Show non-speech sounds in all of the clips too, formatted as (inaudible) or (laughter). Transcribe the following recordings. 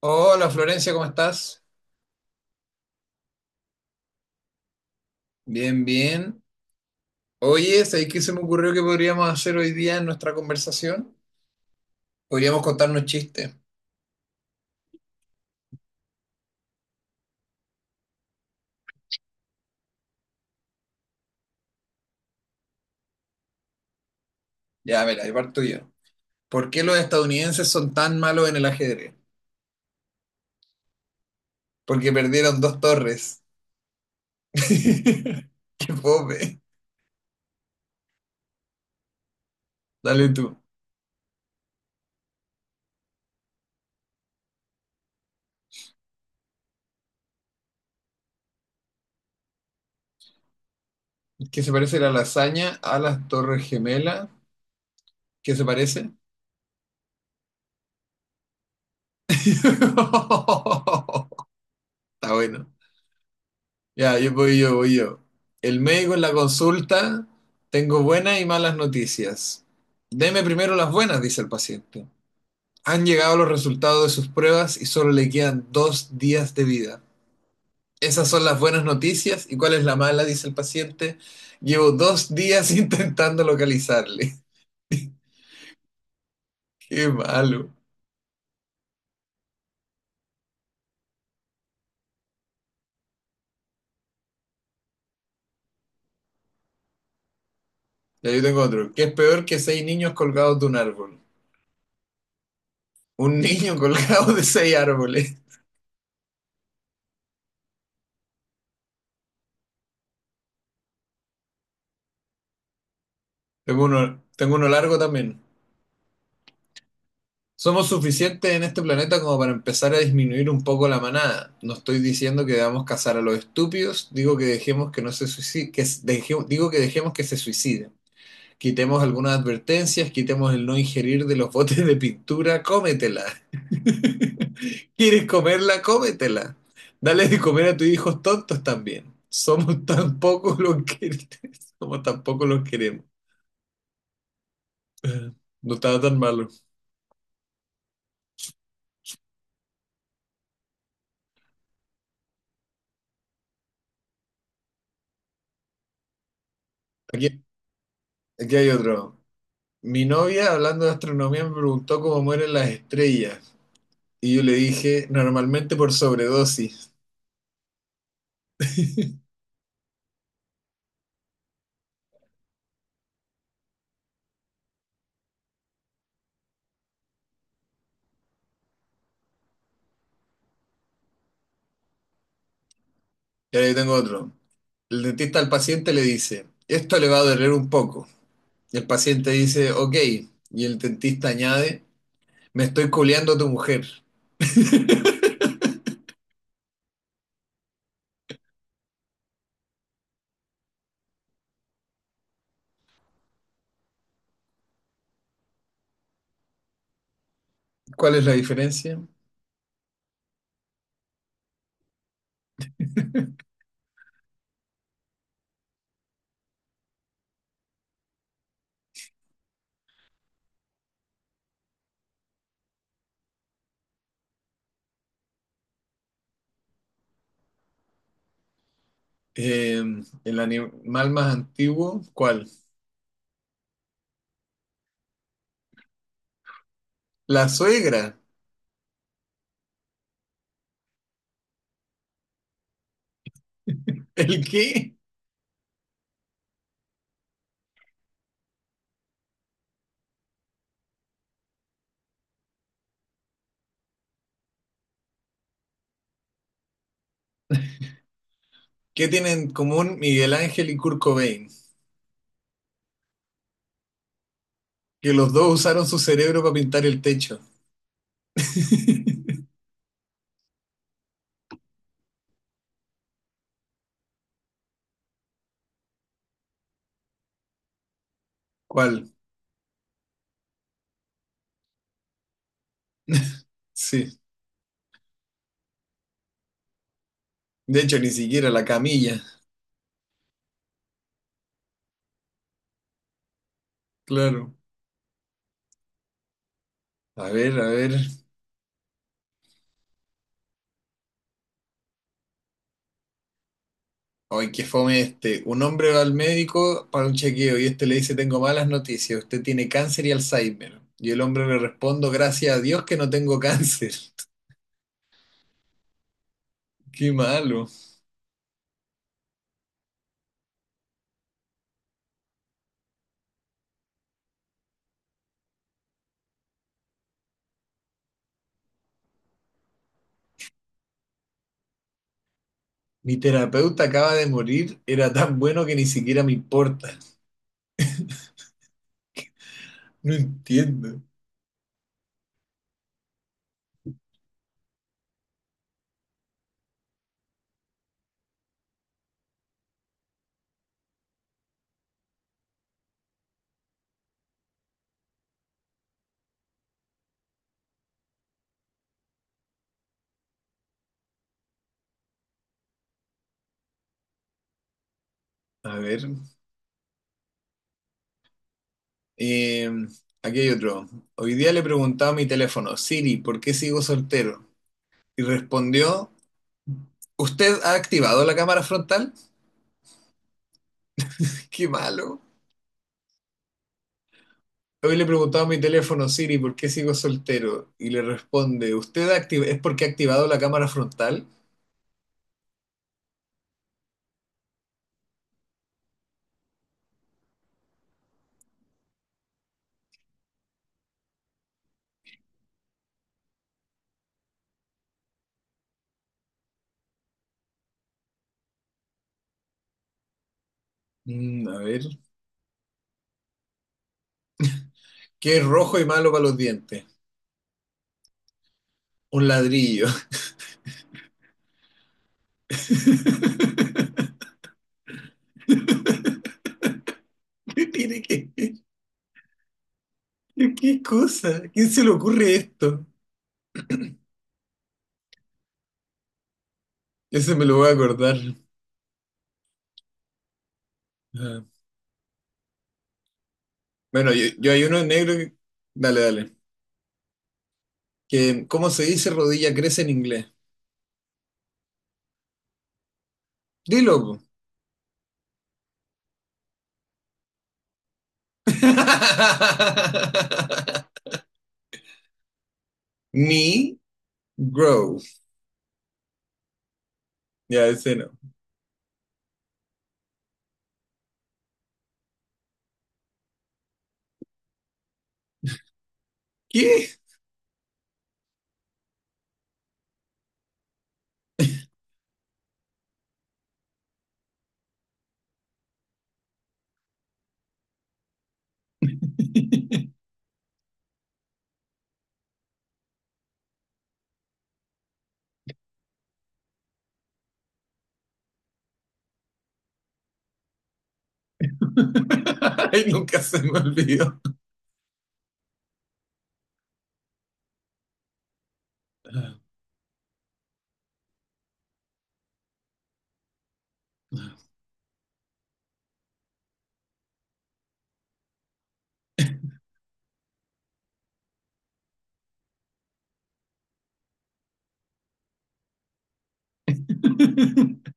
Hola Florencia, ¿cómo estás? Bien, bien. Oye, ¿sabes qué se me ocurrió que podríamos hacer hoy día en nuestra conversación? Podríamos contarnos chistes. Ya, mira, ahí parto yo. ¿Por qué los estadounidenses son tan malos en el ajedrez? Porque perdieron dos torres. (laughs) ¡Qué pobre! Dale tú. ¿Qué se parece la lasaña a las torres gemelas? ¿Qué se parece? (laughs) Está bueno. Ya, voy yo. El médico en la consulta, tengo buenas y malas noticias. Deme primero las buenas, dice el paciente. Han llegado los resultados de sus pruebas y solo le quedan dos días de vida. Esas son las buenas noticias. ¿Y cuál es la mala? Dice el paciente. Llevo dos días (laughs) intentando localizarle. Qué malo. Ya yo tengo otro. ¿Qué es peor que seis niños colgados de un árbol? Un niño (laughs) colgado de seis árboles. Tengo uno largo también. Somos suficientes en este planeta como para empezar a disminuir un poco la manada. No estoy diciendo que debamos cazar a los estúpidos, digo que dejemos que no se suiciden, digo que dejemos que se suiciden. Quitemos algunas advertencias, quitemos el no ingerir de los (laughs) botes de pintura, cómetela. (laughs) ¿Quieres comerla? Cómetela. Dale de comer a tus hijos tontos también. Somos (laughs) tan pocos los que (laughs) Somos tan pocos los queremos. No estaba tan malo. Aquí, Aquí hay otro. Mi novia, hablando de astronomía, me preguntó cómo mueren las estrellas. Y yo le dije, normalmente por sobredosis. Y ahí tengo otro. El dentista al paciente le dice, esto le va a doler un poco. Y el paciente dice, ok. Y el dentista añade, me estoy culeando a tu mujer. ¿Cuál es la diferencia? Eh, el animal más antiguo, ¿cuál? La suegra. ¿El qué? ¿Qué tienen en común Miguel Ángel y Kurt Cobain? Que los dos usaron su cerebro para pintar el techo. (laughs) ¿Cuál? (laughs) Sí. De hecho, ni siquiera la camilla. Claro. A ver, a ver. Ay, qué fome este. Un hombre va al médico para un chequeo y este le dice, tengo malas noticias, usted tiene cáncer y Alzheimer. Y el hombre le responde, gracias a Dios que no tengo cáncer. (laughs) Qué malo. Mi terapeuta acaba de morir, era tan bueno que ni siquiera me importa. No entiendo. A ver. eh, Aquí hay otro. Hoy día le preguntaba a mi teléfono, Siri, ¿por qué sigo soltero? Y respondió... ¿Usted ha activado la cámara frontal? (laughs) Qué malo. Hoy le preguntaba a mi teléfono Siri por qué sigo soltero y le responde, ¿es porque ha activado la cámara frontal? A ver, ¿qué es rojo y malo para los dientes? Un ladrillo. (laughs) ¿Qué tiene que qué cosa? ¿A quién se le ocurre esto? Ese me lo voy a acordar. Ah. Bueno, yo hay uno en negro que... Dale, dale. Que, ¿cómo se dice rodilla crece en inglés? Dilo, po. (laughs) Mi growth. Ya, ese no. ¿Qué? (laughs) Ay, nunca se me olvidó. (laughs)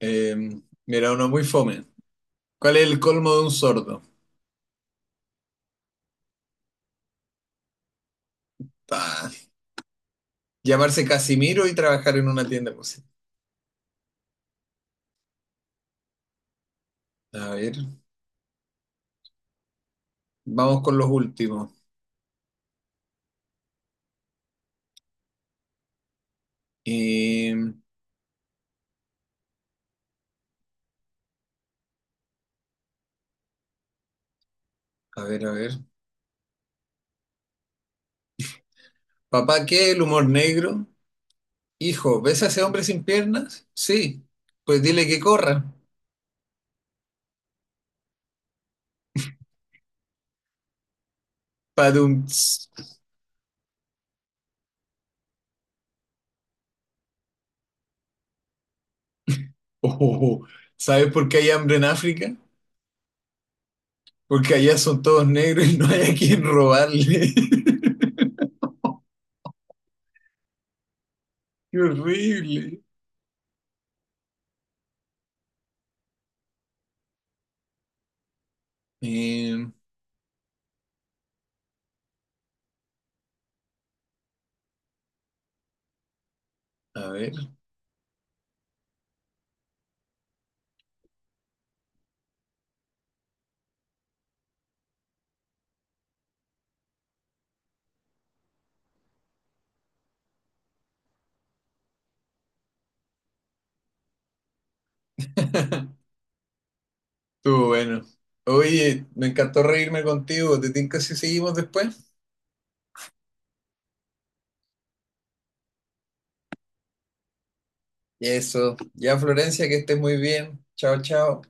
Mira, uno muy fome. ¿Cuál es el colmo de un sordo? Ah, llamarse Casimiro y trabajar en una tienda de música. A ver, vamos con los últimos. Em, a ver, a ver. Papá, ¿qué es el humor negro? Hijo, ¿ves a ese hombre sin piernas? Sí, pues dile que corra. Padum. Ts. Oh, ¿sabes por qué hay hambre en África? Porque allá son todos negros y no hay a quien robarle. (laughs) ¡Qué horrible! Eh, a ver, (laughs) estuvo bueno. Oye, me encantó reírme contigo. ¿Te tinca si seguimos después? Eso. Ya, Florencia, que estés muy bien. Chao, chao.